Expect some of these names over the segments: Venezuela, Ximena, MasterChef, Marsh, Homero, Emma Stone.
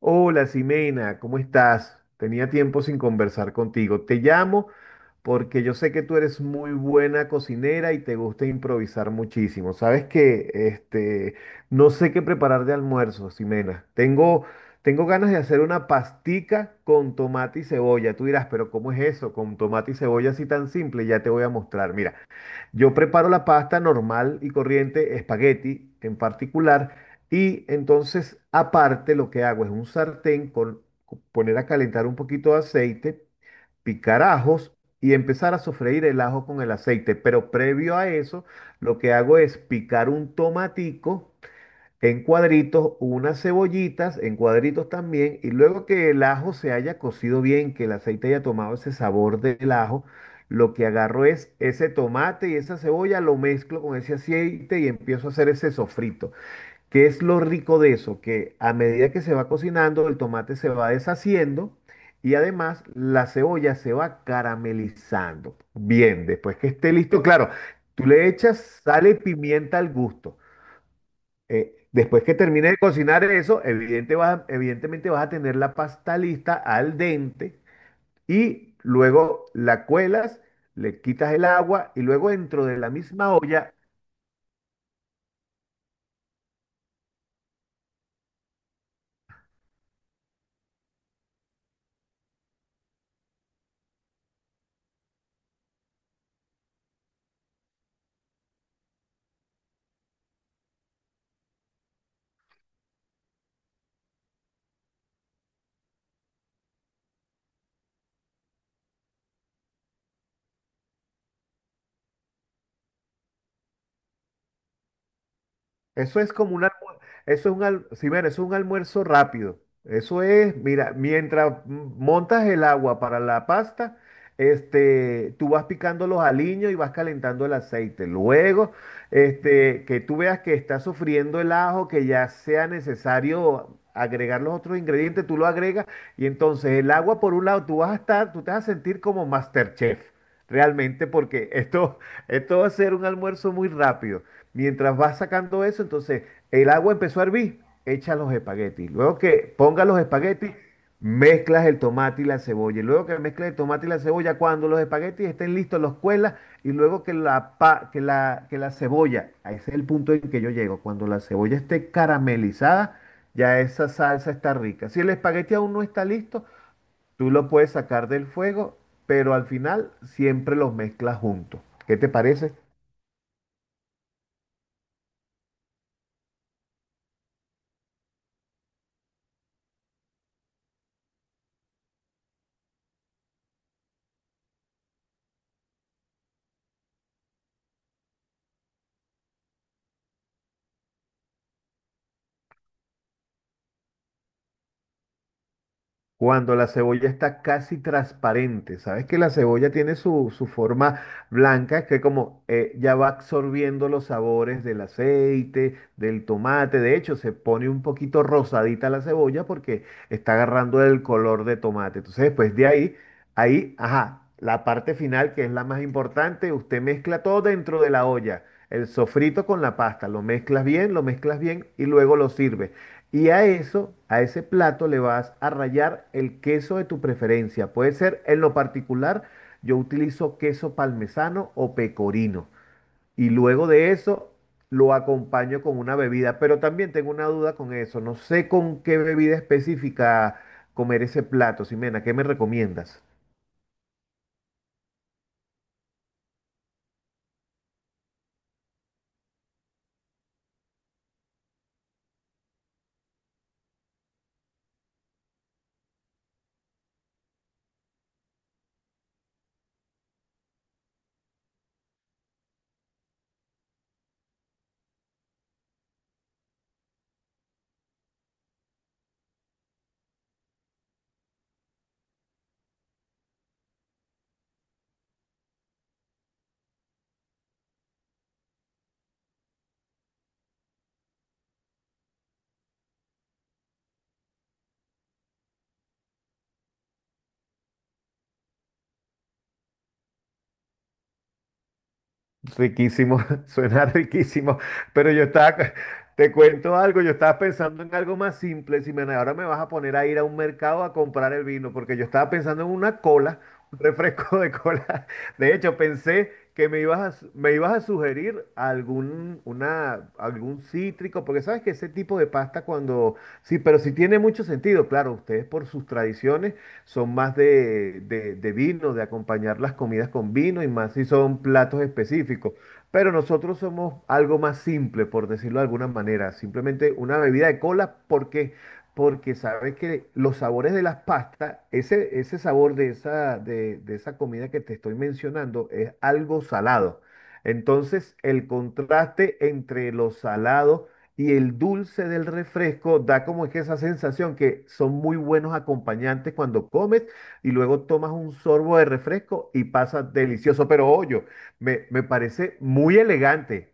Hola, Ximena, ¿cómo estás? Tenía tiempo sin conversar contigo. Te llamo porque yo sé que tú eres muy buena cocinera y te gusta improvisar muchísimo. Sabes que no sé qué preparar de almuerzo, Ximena. Tengo ganas de hacer una pastica con tomate y cebolla. Tú dirás, pero ¿cómo es eso? Con tomate y cebolla así tan simple, ya te voy a mostrar. Mira. Yo preparo la pasta normal y corriente, espagueti en particular, y entonces aparte lo que hago es un sartén con poner a calentar un poquito de aceite, picar ajos y empezar a sofreír el ajo con el aceite. Pero previo a eso, lo que hago es picar un tomatico en cuadritos, unas cebollitas en cuadritos también, y luego que el ajo se haya cocido bien, que el aceite haya tomado ese sabor del ajo, lo que agarro es ese tomate y esa cebolla, lo mezclo con ese aceite y empiezo a hacer ese sofrito. ¿Qué es lo rico de eso? Que a medida que se va cocinando, el tomate se va deshaciendo. Y además la cebolla se va caramelizando. Bien, después que esté listo, claro, tú le echas sal y pimienta al gusto. Después que termines de cocinar eso, evidentemente vas a tener la pasta lista al dente y luego la cuelas, le quitas el agua y luego dentro de la misma olla. Eso es como un almuerzo, eso es sí, bueno, eso es un almuerzo rápido. Eso es, mira, mientras montas el agua para la pasta, tú vas picando los aliños y vas calentando el aceite. Luego, que tú veas que está sufriendo el ajo, que ya sea necesario agregar los otros ingredientes, tú lo agregas y entonces el agua por un lado, tú vas a estar, tú te vas a sentir como MasterChef, realmente, porque esto, esto va a ser un almuerzo muy rápido. Mientras vas sacando eso, entonces el agua empezó a hervir, echa los espaguetis. Luego que ponga los espaguetis, mezclas el tomate y la cebolla. Y luego que mezclas el tomate y la cebolla, cuando los espaguetis estén listos, los cuelas. Y luego que la, pa- que la cebolla, a ese es el punto en que yo llego, cuando la cebolla esté caramelizada, ya esa salsa está rica. Si el espagueti aún no está listo, tú lo puedes sacar del fuego, pero al final siempre los mezclas juntos. ¿Qué te parece? Cuando la cebolla está casi transparente, sabes que la cebolla tiene su forma blanca, que como ya va absorbiendo los sabores del aceite, del tomate, de hecho se pone un poquito rosadita la cebolla porque está agarrando el color de tomate. Entonces después de ahí, ahí, ajá, la parte final que es la más importante, usted mezcla todo dentro de la olla, el sofrito con la pasta, lo mezclas bien y luego lo sirve. Y a eso, a ese plato, le vas a rallar el queso de tu preferencia. Puede ser, en lo particular, yo utilizo queso parmesano o pecorino. Y luego de eso, lo acompaño con una bebida. Pero también tengo una duda con eso. No sé con qué bebida específica comer ese plato. Simena, ¿qué me recomiendas? Riquísimo, suena riquísimo, pero yo estaba, te cuento algo, yo estaba pensando en algo más simple, si me, ahora me vas a poner a ir a un mercado a comprar el vino, porque yo estaba pensando en una cola, un refresco de cola. De hecho, pensé que me ibas a me ibas a sugerir algún cítrico, porque sabes que ese tipo de pasta cuando, sí, pero sí tiene mucho sentido, claro, ustedes por sus tradiciones son más de vino, de acompañar las comidas con vino y más si son platos específicos. Pero nosotros somos algo más simple, por decirlo de alguna manera, simplemente una bebida de cola porque... Porque sabes que los sabores de las pastas, ese sabor de esa comida que te estoy mencionando es algo salado. Entonces, el contraste entre lo salado y el dulce del refresco da como que esa sensación que son muy buenos acompañantes cuando comes y luego tomas un sorbo de refresco y pasa delicioso. Pero oye, me parece muy elegante.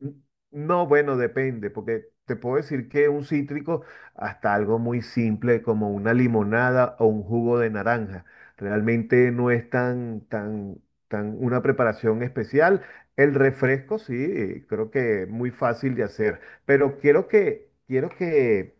N- No, bueno, depende, porque te puedo decir que un cítrico, hasta algo muy simple como una limonada o un jugo de naranja, realmente no es tan una preparación especial. El refresco, sí, creo que es muy fácil de hacer, pero quiero que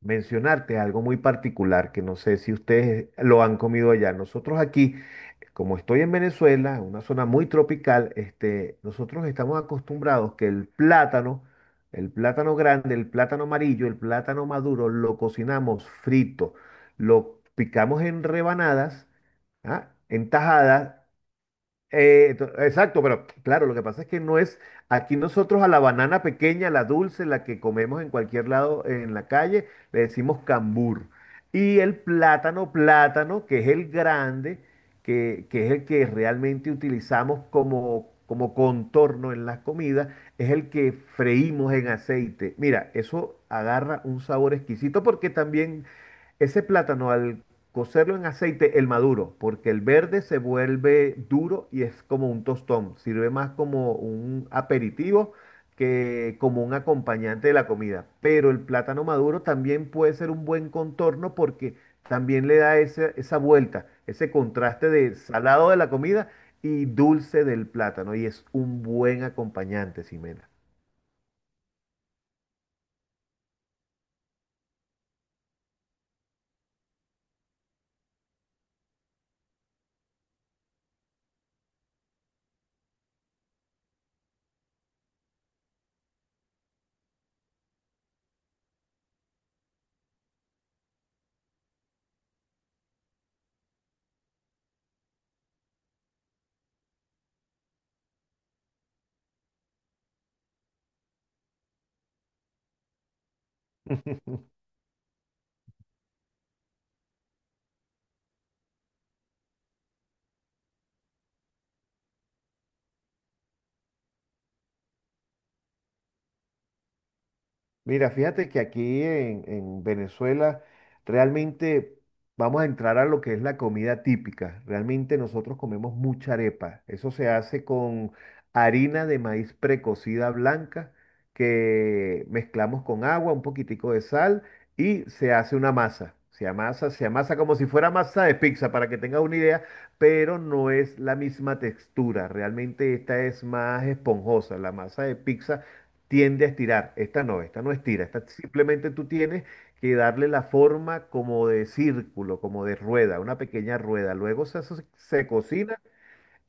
mencionarte algo muy particular que no sé si ustedes lo han comido allá. Nosotros aquí como estoy en Venezuela, una zona muy tropical, nosotros estamos acostumbrados que el plátano grande, el plátano amarillo, el plátano maduro, lo cocinamos frito, lo picamos en rebanadas, ¿ah? En tajadas, exacto, pero claro, lo que pasa es que no es, aquí nosotros a la banana pequeña, la dulce, la que comemos en cualquier lado, en la calle, le decimos cambur. Y el plátano, plátano, que es el grande, que es el que realmente utilizamos como, como contorno en las comidas, es el que freímos en aceite. Mira, eso agarra un sabor exquisito porque también ese plátano al cocerlo en aceite, el maduro, porque el verde se vuelve duro y es como un tostón, sirve más como un aperitivo que como un acompañante de la comida. Pero el plátano maduro también puede ser un buen contorno porque también le da esa vuelta, ese contraste de salado de la comida y dulce del plátano y es un buen acompañante, Ximena. Mira, fíjate que aquí en Venezuela realmente vamos a entrar a lo que es la comida típica. Realmente nosotros comemos mucha arepa. Eso se hace con harina de maíz precocida blanca que mezclamos con agua, un poquitico de sal y se hace una masa. Se amasa como si fuera masa de pizza, para que tengas una idea, pero no es la misma textura. Realmente esta es más esponjosa. La masa de pizza tiende a estirar. Esta no estira. Esta simplemente tú tienes que darle la forma como de círculo, como de rueda, una pequeña rueda. Luego se cocina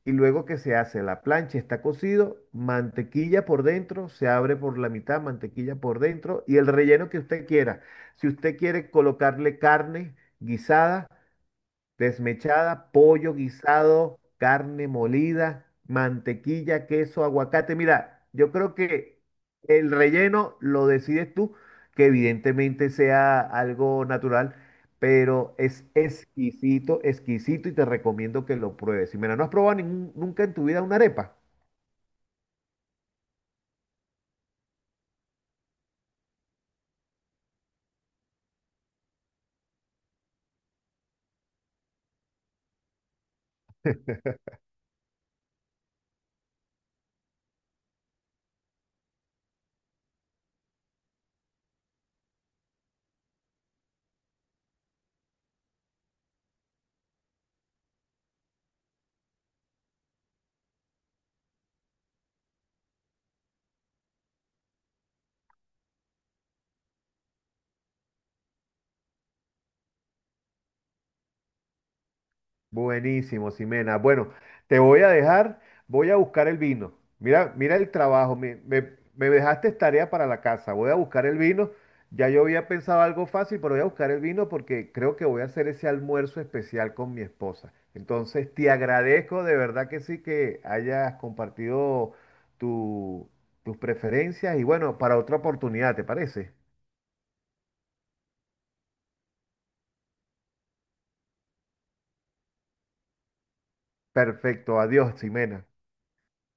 y luego que se hace la plancha, está cocido, mantequilla por dentro, se abre por la mitad, mantequilla por dentro y el relleno que usted quiera. Si usted quiere colocarle carne guisada. Desmechada, pollo guisado, carne molida, mantequilla, queso, aguacate. Mira, yo creo que el relleno lo decides tú, que evidentemente sea algo natural, pero es exquisito, exquisito y te recomiendo que lo pruebes. Y mira, ¿no has probado nunca en tu vida una arepa? Buenísimo, Ximena. Bueno, te voy a dejar, voy a buscar el vino. Mira, mira el trabajo, me dejaste tarea para la casa. Voy a buscar el vino. Ya yo había pensado algo fácil, pero voy a buscar el vino porque creo que voy a hacer ese almuerzo especial con mi esposa. Entonces, te agradezco de verdad que sí que hayas compartido tu- tus preferencias y bueno, para otra oportunidad, ¿te parece? Perfecto, adiós, Ximena.